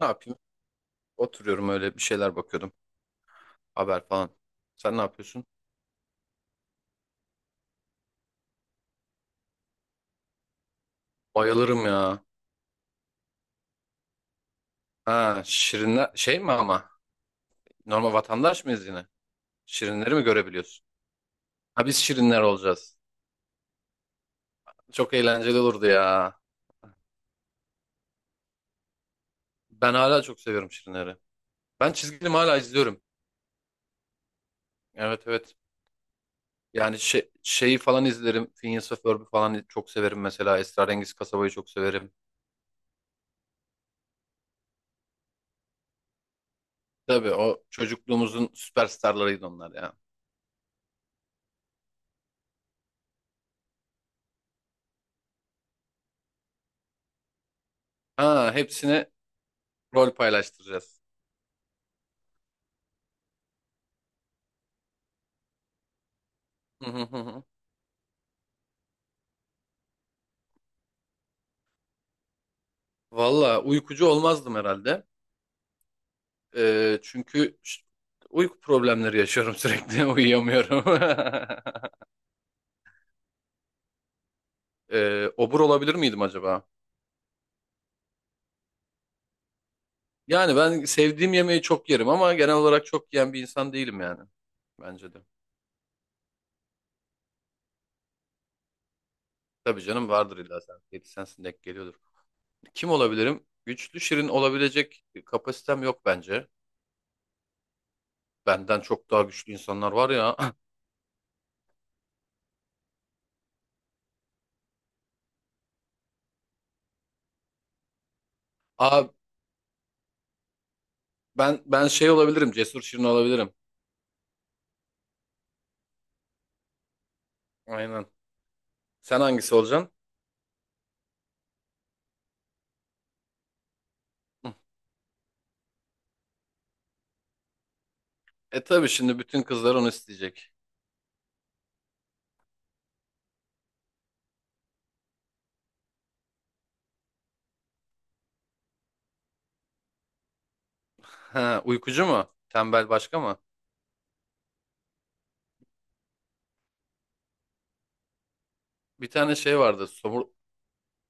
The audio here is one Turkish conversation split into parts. Ne yapayım? Oturuyorum öyle bir şeyler bakıyordum. Haber falan. Sen ne yapıyorsun? Bayılırım ya. Ha, şirinler şey mi ama? Normal vatandaş mıyız yine? Şirinleri mi görebiliyorsun? Ha biz şirinler olacağız. Çok eğlenceli olurdu ya. Ben hala çok seviyorum şirinleri. Ben çizgi film hala izliyorum. Evet evet. Yani şey, şeyi falan izlerim. Phineas ve Ferb'i falan çok severim mesela. Esrarengiz Kasaba'yı çok severim. Tabii o çocukluğumuzun süperstarlarıydı onlar ya. Ha hepsine rol paylaştıracağız. Valla uykucu olmazdım herhalde. Çünkü uyku problemleri yaşıyorum sürekli. Uyuyamıyorum. Obur olabilir miydim acaba? Yani ben sevdiğim yemeği çok yerim ama genel olarak çok yiyen bir insan değilim yani. Bence de. Tabii canım vardır illa sen. Yedi sensin denk geliyordur. Kim olabilirim? Güçlü şirin olabilecek kapasitem yok bence. Benden çok daha güçlü insanlar var ya. Aa, ben şey olabilirim. Cesur şirin olabilirim. Aynen. Sen hangisi olacaksın? E tabii şimdi bütün kızlar onu isteyecek. Ha, uykucu mu? Tembel başka mı? Bir tane şey vardı. Somur...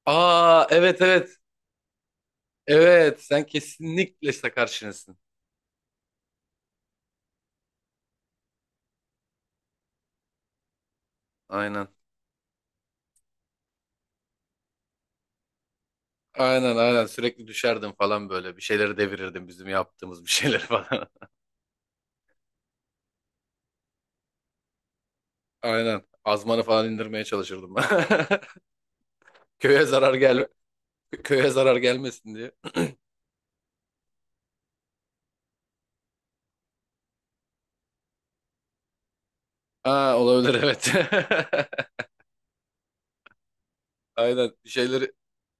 Aa evet evet. Evet sen kesinlikle işte karşınızsın. Aynen. Aynen aynen sürekli düşerdin falan böyle. Bir şeyleri devirirdim bizim yaptığımız bir şeyleri falan. Aynen. Azmanı falan indirmeye çalışırdım ben. Köye zarar gel köye zarar gelmesin diye. Aa olabilir evet. Aynen bir şeyleri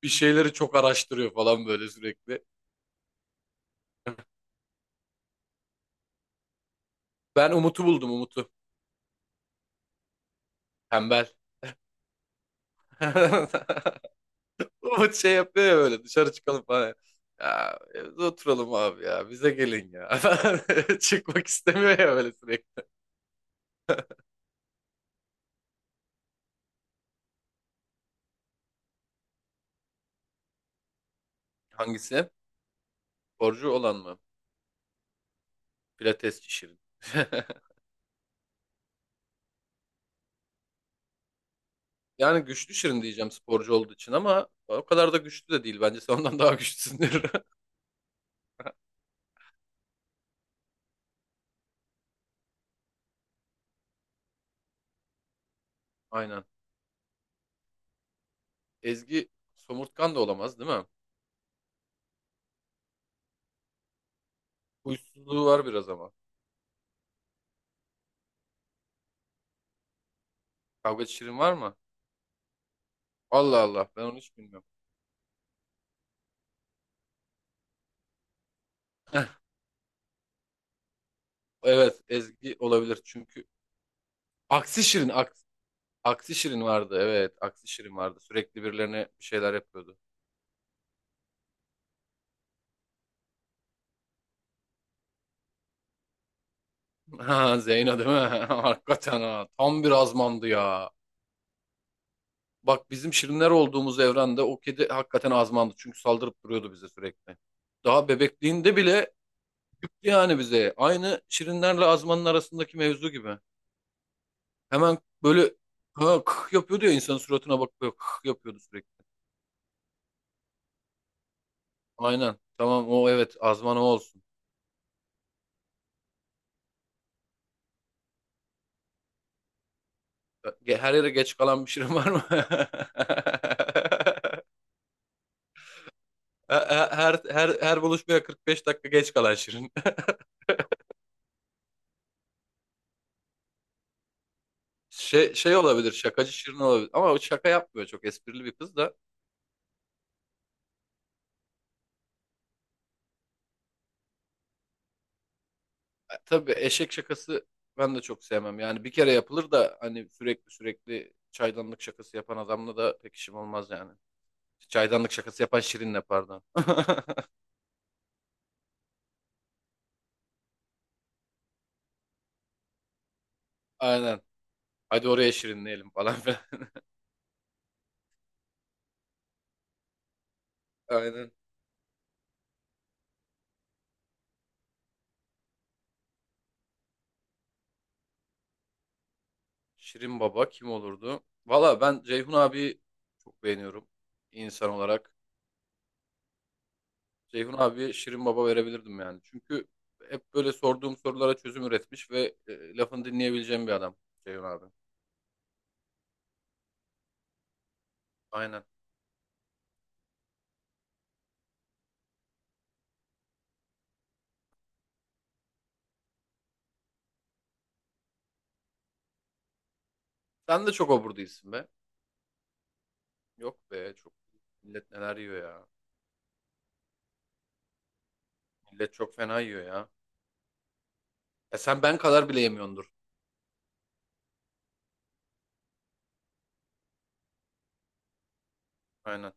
bir şeyleri çok araştırıyor falan böyle sürekli. Ben Umut'u buldum Umut'u. Tembel. Umut şey yapıyor ya böyle dışarı çıkalım falan. Ya evde oturalım abi ya bize gelin ya. Çıkmak istemiyor ya böyle sürekli. Hangisi? Sporcu olan mı? Pilatesçi Şirin. Yani güçlü Şirin diyeceğim sporcu olduğu için ama o kadar da güçlü de değil. Bence sen ondan daha güçlüsündür. Aynen. Ezgi somurtkan da olamaz değil mi? Huysuzluğu var biraz ama. Kavgacı Şirin var mı? Allah Allah ben onu hiç bilmiyorum. Evet Ezgi olabilir çünkü aksi Şirin. Aksi. Aksişirin vardı evet. Aksişirin vardı. Sürekli birilerine bir şeyler yapıyordu. Ha Zeyno değil mi? Hakikaten ha. Tam bir azmandı ya. Bak bizim şirinler olduğumuz evrende o kedi hakikaten azmandı. Çünkü saldırıp duruyordu bize sürekli. Daha bebekliğinde bile küktü yani bize. Aynı şirinlerle azmanın arasındaki mevzu gibi. Hemen böyle ha, kık yapıyordu ya insanın suratına bakıyor kık yapıyordu sürekli. Aynen. Tamam o evet azman o olsun. Her yere geç kalan bir şirin var mı? Her buluşmaya 45 dakika geç kalan Şirin. Şey şey olabilir, şakacı Şirin olabilir ama o şaka yapmıyor çok esprili bir kız da. Tabii eşek şakası ben de çok sevmem. Yani bir kere yapılır da hani sürekli sürekli çaydanlık şakası yapan adamla da pek işim olmaz yani. Çaydanlık şakası yapan Şirin'le pardon. Aynen. Hadi oraya şirinleyelim falan filan. Aynen. Şirin Baba kim olurdu? Valla ben Ceyhun abi çok beğeniyorum insan olarak. Ceyhun abiye Şirin Baba verebilirdim yani. Çünkü hep böyle sorduğum sorulara çözüm üretmiş ve lafını dinleyebileceğim bir adam Ceyhun abi. Aynen. Sen de çok obur değilsin be. Yok be çok. Millet neler yiyor ya. Millet çok fena yiyor ya. E sen ben kadar bile yemiyordur. Aynen.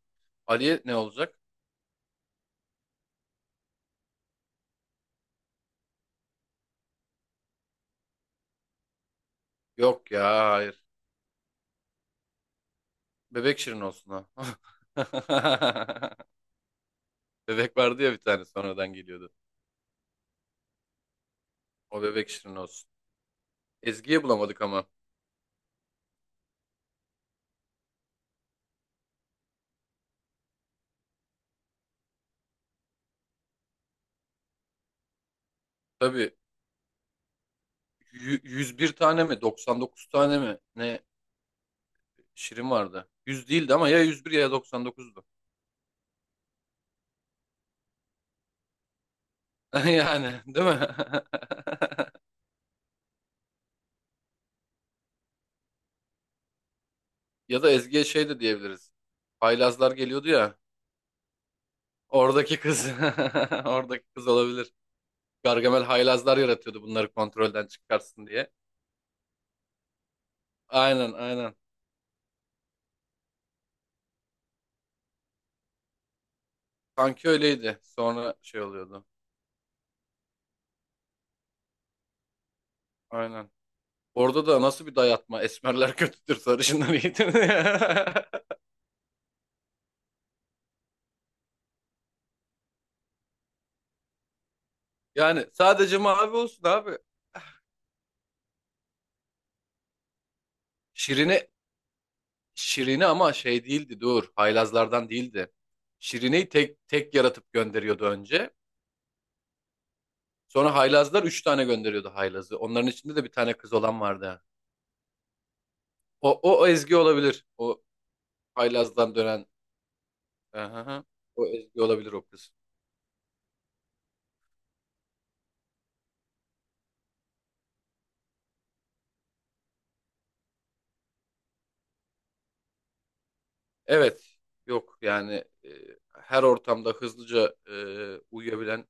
Ali'ye ne olacak? Yok ya hayır. Bebek Şirin olsun ha. Bebek vardı ya bir tane sonradan geliyordu. O bebek Şirin olsun. Ezgi'ye bulamadık ama. Tabii 101 tane mi 99 tane mi ne Şirin vardı. 100 değildi ama ya 101 ya 99'du. Yani değil mi? Ya da Ezgi'ye şey de diyebiliriz. Haylazlar geliyordu ya. Oradaki kız. Oradaki kız olabilir. Gargamel haylazlar yaratıyordu bunları kontrolden çıkarsın diye. Aynen aynen. Sanki öyleydi. Sonra şey oluyordu. Aynen. Orada da nasıl bir dayatma. Esmerler kötüdür, sarışınlar iyidir. Yani sadece mavi olsun abi. Şirin'i Şirin'i ama şey değildi dur. Haylazlardan değildi. Şirine'yi tek tek yaratıp gönderiyordu önce. Sonra haylazlar üç tane gönderiyordu haylazı. Onların içinde de bir tane kız olan vardı. O Ezgi olabilir. O haylazdan dönen. Aha, o Ezgi olabilir o kız. Evet. Yok yani her ortamda hızlıca uyuyabilen.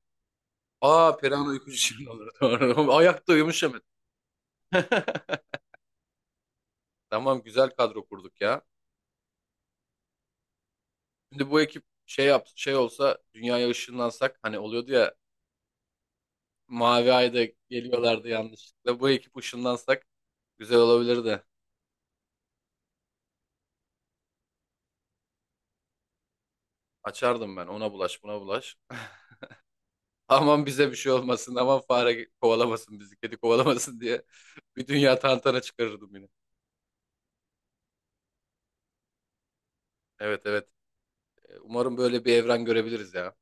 Aa Perihan uykucu şirin olur. Doğru. Ayakta uyumuş hemen. Tamam güzel kadro kurduk ya. Şimdi bu ekip şey yap şey olsa dünyaya ışınlansak hani oluyordu ya mavi ayda geliyorlardı yanlışlıkla. Bu ekip ışınlansak güzel olabilirdi. Açardım ben ona bulaş buna bulaş. Aman bize bir şey olmasın aman fare kovalamasın bizi kedi kovalamasın diye bir dünya tantana çıkarırdım yine. Evet evet umarım böyle bir evren görebiliriz ya.